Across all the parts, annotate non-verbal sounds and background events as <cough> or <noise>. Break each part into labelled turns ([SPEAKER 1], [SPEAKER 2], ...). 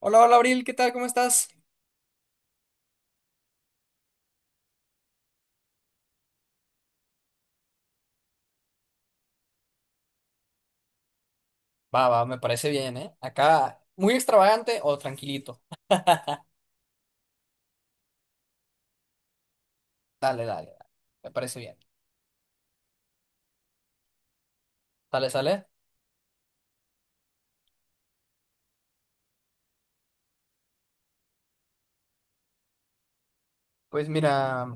[SPEAKER 1] Hola, hola, Abril, ¿qué tal? ¿Cómo estás? Va, va, me parece bien, ¿eh? Acá, muy extravagante o tranquilito. <laughs> Dale, dale, dale. Me parece bien. Sale, sale. Pues mira,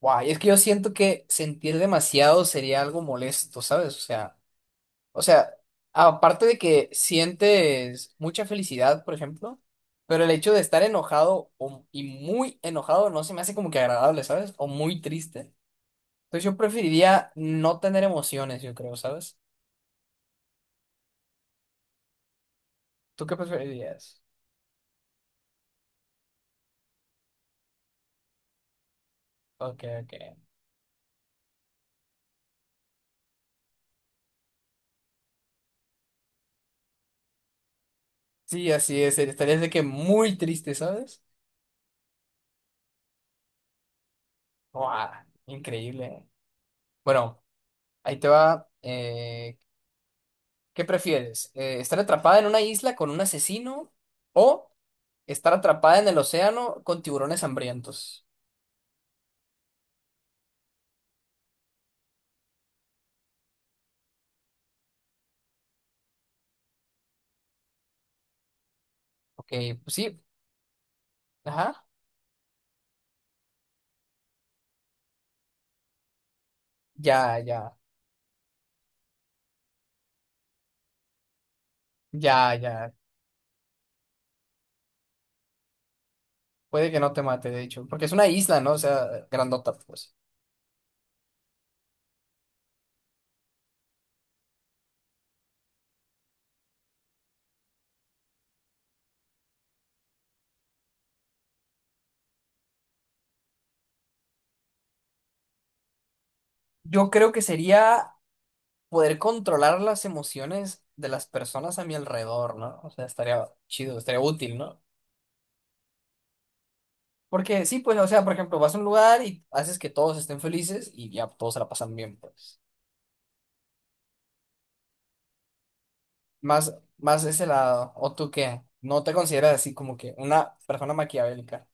[SPEAKER 1] guay, es que yo siento que sentir demasiado sería algo molesto, ¿sabes? O sea, aparte de que sientes mucha felicidad, por ejemplo, pero el hecho de estar y muy enojado no se me hace como que agradable, ¿sabes? O muy triste. Entonces yo preferiría no tener emociones, yo creo, ¿sabes? ¿Tú qué preferirías? Ok, ok. Sí, así es. Estarías de que muy triste, ¿sabes? Guau, increíble. Bueno, ahí te va. ¿Qué prefieres? ¿Estar atrapada en una isla con un asesino o estar atrapada en el océano con tiburones hambrientos? Ok, pues sí. Ajá. Ya, ya. Ya, ya. Puede que no te mate, de hecho. Porque es una isla, ¿no? O sea, grandota, pues. Yo creo que sería poder controlar las emociones de las personas a mi alrededor, ¿no? O sea, estaría chido, estaría útil, ¿no? Porque sí, pues, o sea, por ejemplo, vas a un lugar y haces que todos estén felices y ya todos se la pasan bien, pues. Más, más ese lado. ¿O tú qué? No te consideras así como que una persona maquiavélica.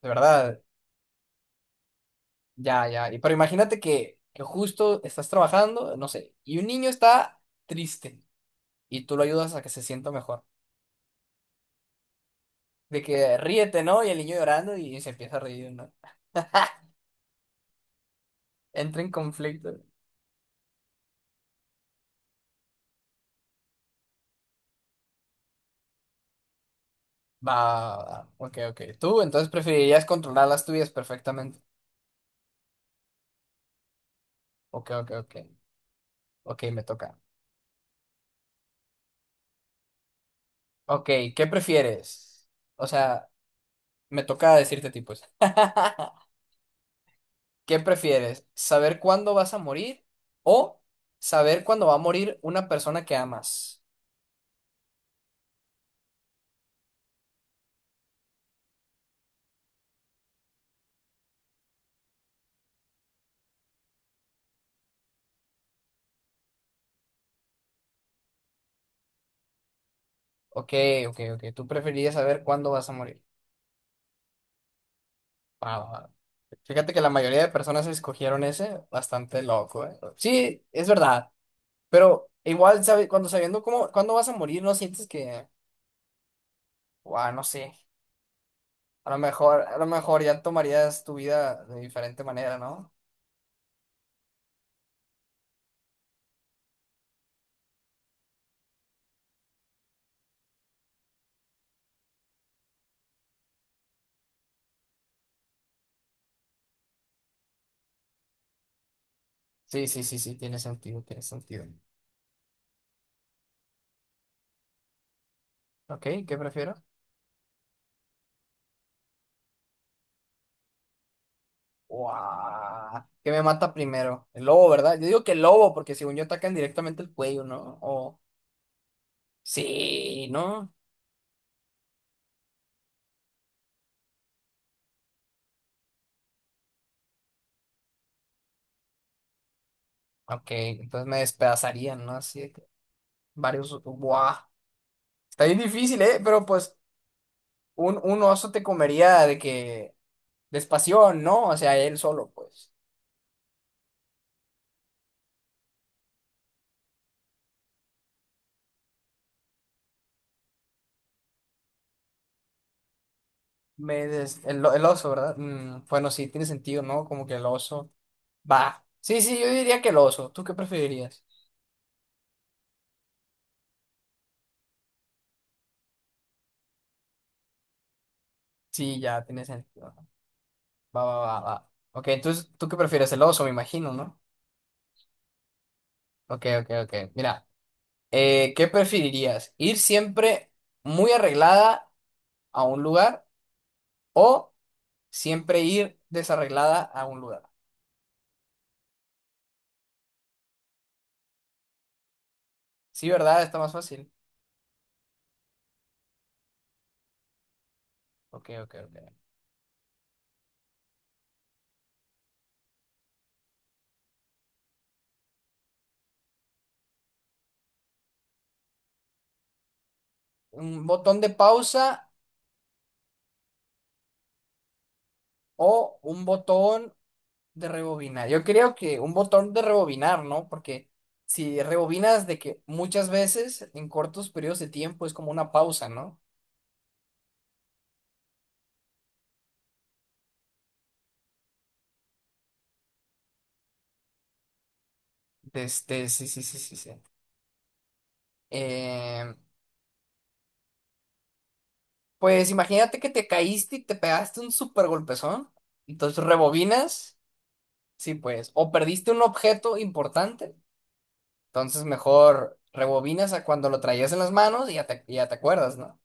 [SPEAKER 1] De verdad, ya, ya. Y pero imagínate que justo estás trabajando, no sé, y un niño está triste y tú lo ayudas a que se sienta mejor. De que ríete, ¿no? Y el niño llorando y se empieza a reír, ¿no? Entra en conflicto. Va, va, va. Ok, ok. Tú entonces preferirías controlar las tuyas perfectamente. Ok, ok, ok. Ok, me toca. Ok, ¿qué prefieres? O sea, me toca decirte tipos. <laughs> ¿Qué prefieres? ¿Saber cuándo vas a morir o saber cuándo va a morir una persona que amas? Ok, ok, ok. Tú preferirías saber cuándo vas a morir. Va, va, va. Fíjate que la mayoría de personas escogieron ese, bastante loco, ¿eh? Sí, es verdad. Pero igual, sabe, cuando sabiendo cómo, cuándo vas a morir, no sientes que, wow, no sé, a lo mejor ya tomarías tu vida de diferente manera, ¿no? Sí, sí, sí, sí, tiene sentido, tiene sentido. Ok, ¿qué prefiero? Wow, ¿qué me mata primero? El lobo, ¿verdad? Yo digo que el lobo, porque según yo atacan directamente el cuello, ¿no? O sí, ¿no? Ok, entonces me despedazarían, ¿no? Así de que varios, wow. Está bien difícil, ¿eh? Pero pues un oso te comería de que despasión, ¿no? O sea, él solo, pues. El oso, ¿verdad? Mm, bueno, sí, tiene sentido, ¿no? Como que el oso. Va. Sí, sí, yo diría que el oso. ¿Tú qué preferirías? Sí, ya, tiene sentido. Va, va, va, va. Ok, entonces, ¿tú qué prefieres? El oso, me imagino, ¿no? Ok, ok, ok. Mira, ¿qué preferirías? ¿Ir siempre muy arreglada a un lugar o siempre ir desarreglada a un lugar? Sí, ¿verdad? Está más fácil. Ok, ok, ok. Un botón de pausa o un botón de rebobinar. Yo creo que un botón de rebobinar, ¿no? Porque si rebobinas de que muchas veces en cortos periodos de tiempo es como una pausa, ¿no? De este, sí, sí, sí, sí, sí. Eh, pues imagínate que te caíste y te pegaste un súper golpezón. Entonces rebobinas, sí, pues. O perdiste un objeto importante. Entonces mejor rebobinas a cuando lo traías en las manos y ya te acuerdas, ¿no?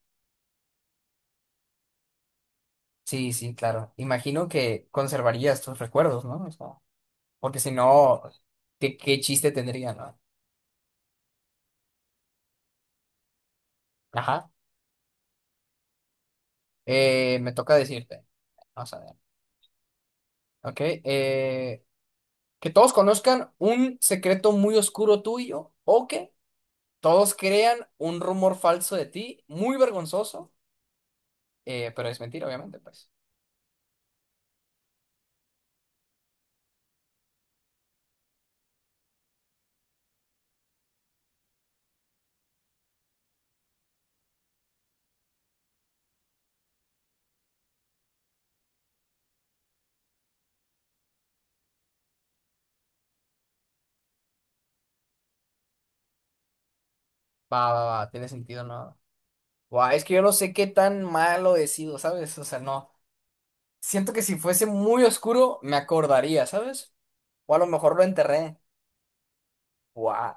[SPEAKER 1] Sí, sí, claro. Imagino que conservarías tus recuerdos, ¿no? O sea, porque si no, ¿qué chiste tendría, no? Ajá. Me toca decirte. Vamos a ver. Ok. Que todos conozcan un secreto muy oscuro tuyo o que todos crean un rumor falso de ti, muy vergonzoso, pero es mentira, obviamente, pues. Va, va, va, tiene sentido, ¿no? Guau, es que yo no sé qué tan malo he sido, ¿sabes? O sea, no. Siento que si fuese muy oscuro, me acordaría, ¿sabes? O a lo mejor lo enterré. Guau,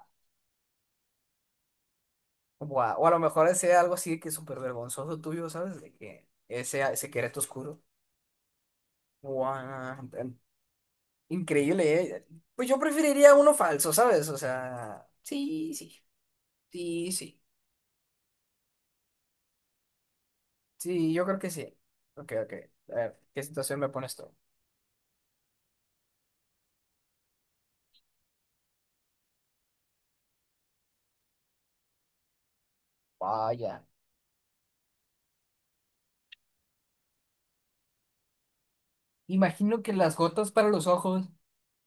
[SPEAKER 1] guau. O a lo mejor ese algo así que es súper vergonzoso tuyo, ¿sabes? De que ese secreto oscuro. Guau. Increíble, ¿eh? Pues yo preferiría uno falso, ¿sabes? O sea, sí, sí, sí, sí. Sí, yo creo que sí. Ok, ok. A ver, ¿qué situación me pones tú? Vaya. Imagino que las gotas para los ojos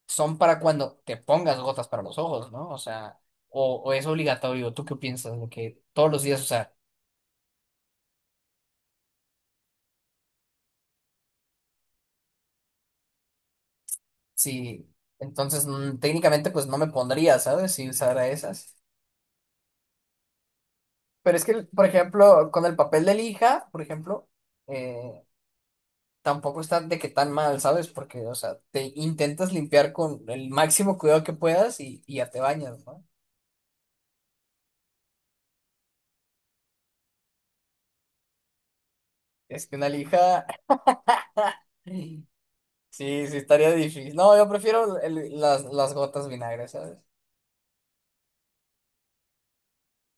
[SPEAKER 1] son para cuando te pongas gotas para los ojos, ¿no? O sea, o es obligatorio, ¿tú qué piensas? De que todos los días usar. Sí, entonces técnicamente pues no me pondría, ¿sabes? Si usara esas. Pero es que, por ejemplo, con el papel de lija, por ejemplo, eh, tampoco está de que tan mal, ¿sabes? Porque, o sea, te intentas limpiar con el máximo cuidado que puedas y ya te bañas, ¿no? Es que una lija, <laughs> sí, sí estaría difícil. No, yo prefiero las gotas vinagre, ¿sabes?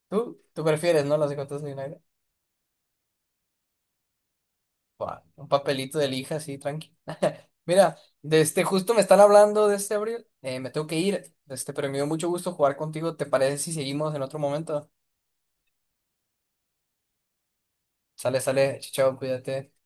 [SPEAKER 1] ¿Tú, tú prefieres, no? Las los de United. Buah, un papelito de lija, así, tranqui. <laughs> Mira, de este, justo me están hablando de este Abril. Me tengo que ir. De este, pero me dio mucho gusto jugar contigo. ¿Te parece si seguimos en otro momento? Sale, sale. Chao, chao, cuídate.